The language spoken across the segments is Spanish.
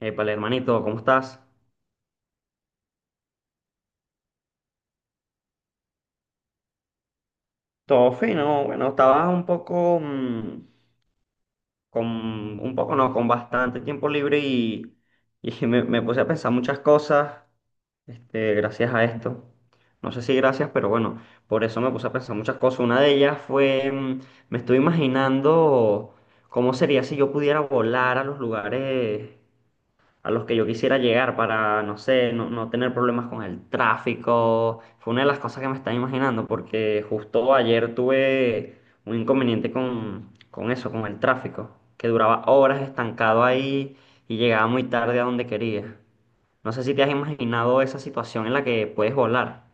Épale, hermanito, ¿cómo estás? Todo fino, bueno, estaba un poco, con, un poco no, con bastante tiempo libre y me puse a pensar muchas cosas, gracias a esto. No sé si gracias, pero bueno, por eso me puse a pensar muchas cosas. Una de ellas fue, me estoy imaginando cómo sería si yo pudiera volar a los lugares a los que yo quisiera llegar para, no sé, no tener problemas con el tráfico. Fue una de las cosas que me estaba imaginando, porque justo ayer tuve un inconveniente con eso, con el tráfico, que duraba horas estancado ahí y llegaba muy tarde a donde quería. No sé si te has imaginado esa situación en la que puedes volar.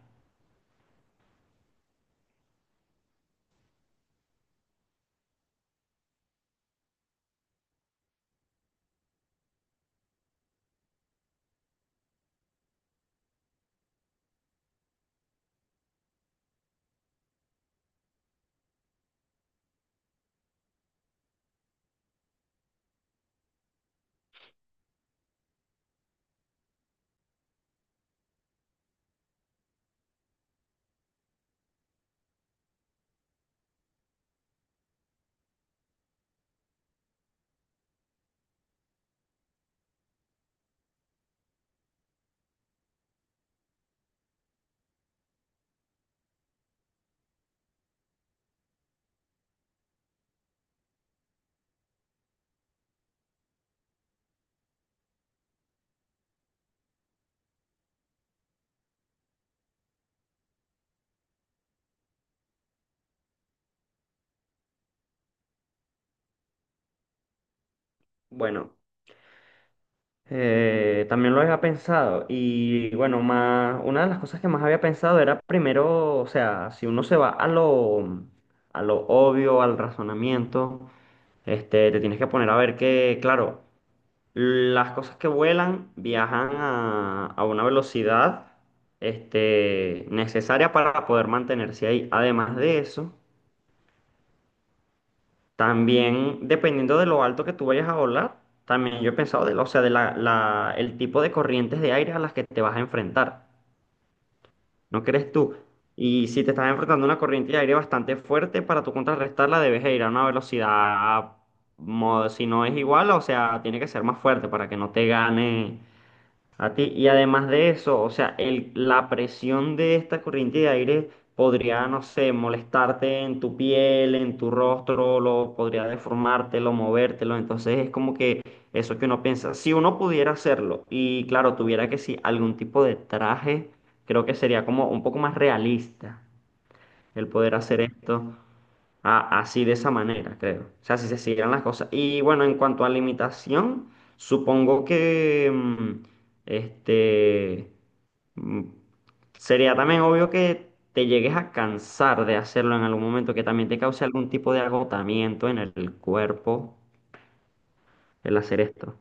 Bueno. También lo había pensado y bueno, más, una de las cosas que más había pensado era primero, o sea, si uno se va a lo obvio, al razonamiento, te tienes que poner a ver que, claro, las cosas que vuelan viajan a una velocidad, necesaria para poder mantenerse ahí. Además de eso, también, dependiendo de lo alto que tú vayas a volar, también yo he pensado o sea, el tipo de corrientes de aire a las que te vas a enfrentar. ¿No crees tú? Y si te estás enfrentando a una corriente de aire bastante fuerte, para tú contrarrestarla debes ir a una velocidad, si no es igual, o sea, tiene que ser más fuerte para que no te gane a ti, y además de eso, o sea, la presión de esta corriente de aire podría, no sé, molestarte en tu piel, en tu rostro, podría deformártelo, movértelo. Entonces es como que eso que uno piensa. Si uno pudiera hacerlo y, claro, tuviera que sí algún tipo de traje, creo que sería como un poco más realista el poder hacer esto así de esa manera, creo. O sea, si se siguieran las cosas. Y bueno, en cuanto a limitación, supongo que este mm, sería también obvio que te llegues a cansar de hacerlo en algún momento, que también te cause algún tipo de agotamiento en el cuerpo el hacer esto.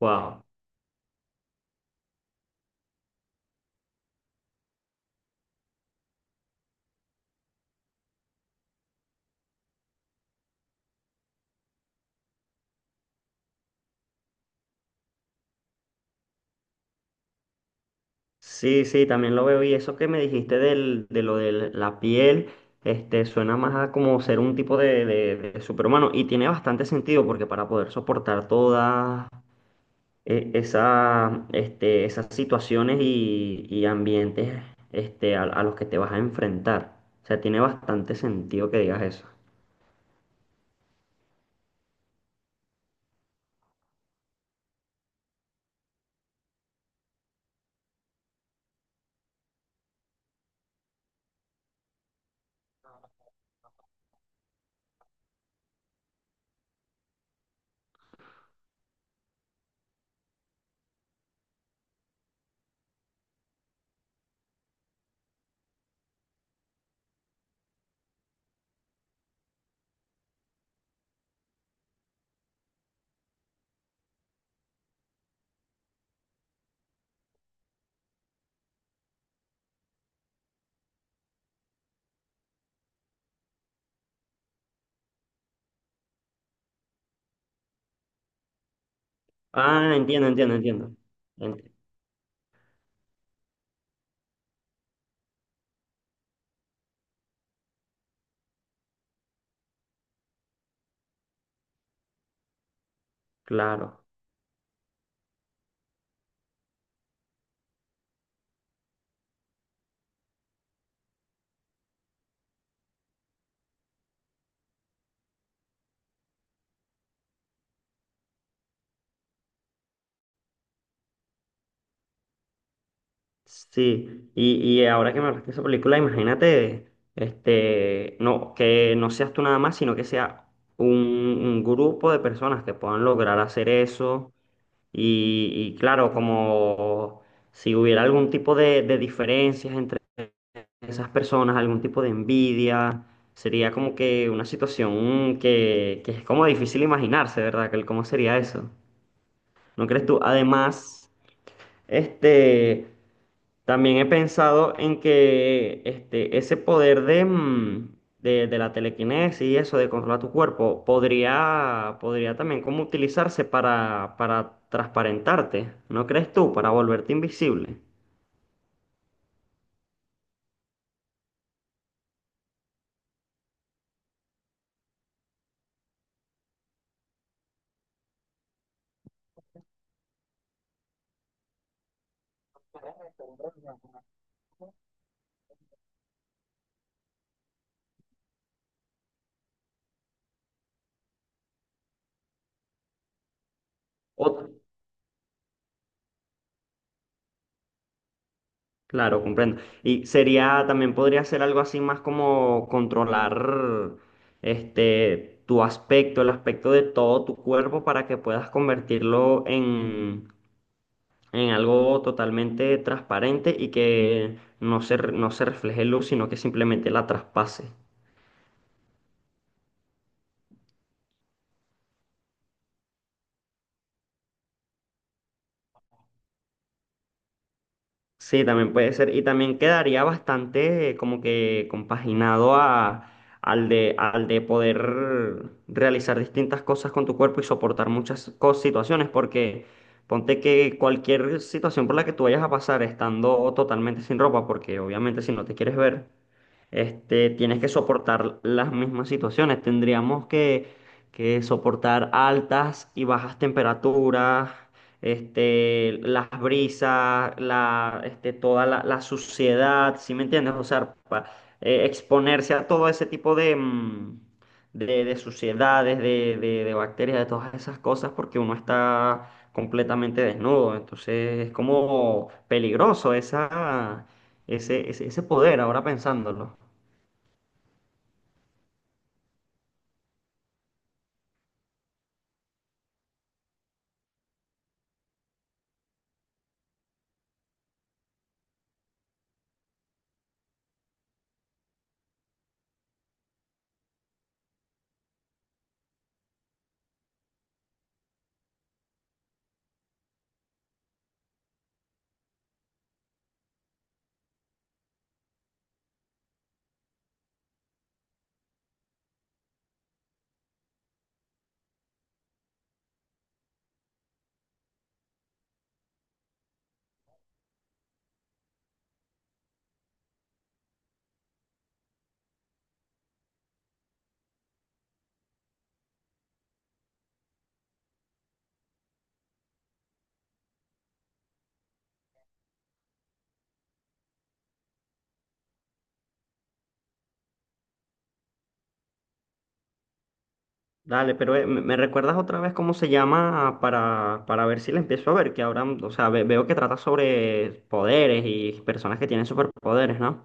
Wow. Sí, sí, también lo veo. Y eso que me dijiste de lo de la piel, suena más a como ser un tipo de, de superhumano. Y tiene bastante sentido porque para poder soportar todas esas situaciones y ambientes a los que te vas a enfrentar. O sea, tiene bastante sentido que digas eso. Ah, entiendo, entiendo, entiendo. Ent- claro. Sí, y ahora que me hablaste de esa película, imagínate, no, que no seas tú nada más, sino que sea un grupo de personas que puedan lograr hacer eso. Y claro, como si hubiera algún tipo de diferencias entre esas personas, algún tipo de envidia, sería como que una situación que es como difícil imaginarse, ¿verdad? ¿Cómo sería eso? ¿No crees tú? Además, este. También he pensado en que ese poder de, de la telequinesis y eso, de controlar tu cuerpo, podría, podría también como utilizarse para transparentarte, ¿no crees tú? Para volverte invisible. O- claro, comprendo. Y sería, también podría ser algo así más como controlar tu aspecto, el aspecto de todo tu cuerpo para que puedas convertirlo en algo totalmente transparente y que no se refleje luz, sino que simplemente la traspase. Sí, también puede ser. Y también quedaría bastante como que compaginado a, al de poder realizar distintas cosas con tu cuerpo y soportar muchas situaciones, porque ponte que cualquier situación por la que tú vayas a pasar estando totalmente sin ropa, porque obviamente si no te quieres ver. Tienes que soportar las mismas situaciones. Tendríamos que soportar altas y bajas temperaturas, las brisas, toda la suciedad, ¿sí me entiendes? O sea, exponerse a todo ese tipo de, de suciedades, de bacterias, de todas esas cosas, porque uno está completamente desnudo. Entonces es como peligroso esa, ese poder, ahora pensándolo. Dale, pero ¿¿me recuerdas otra vez cómo se llama para ver si la empiezo a ver? Que ahora, o sea, veo que trata sobre poderes y personas que tienen superpoderes, ¿no?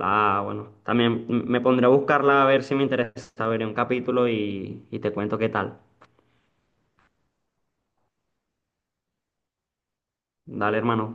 Ah, bueno, también me pondré a buscarla a ver si me interesa. Veré un capítulo y te cuento qué tal. Dale, hermano.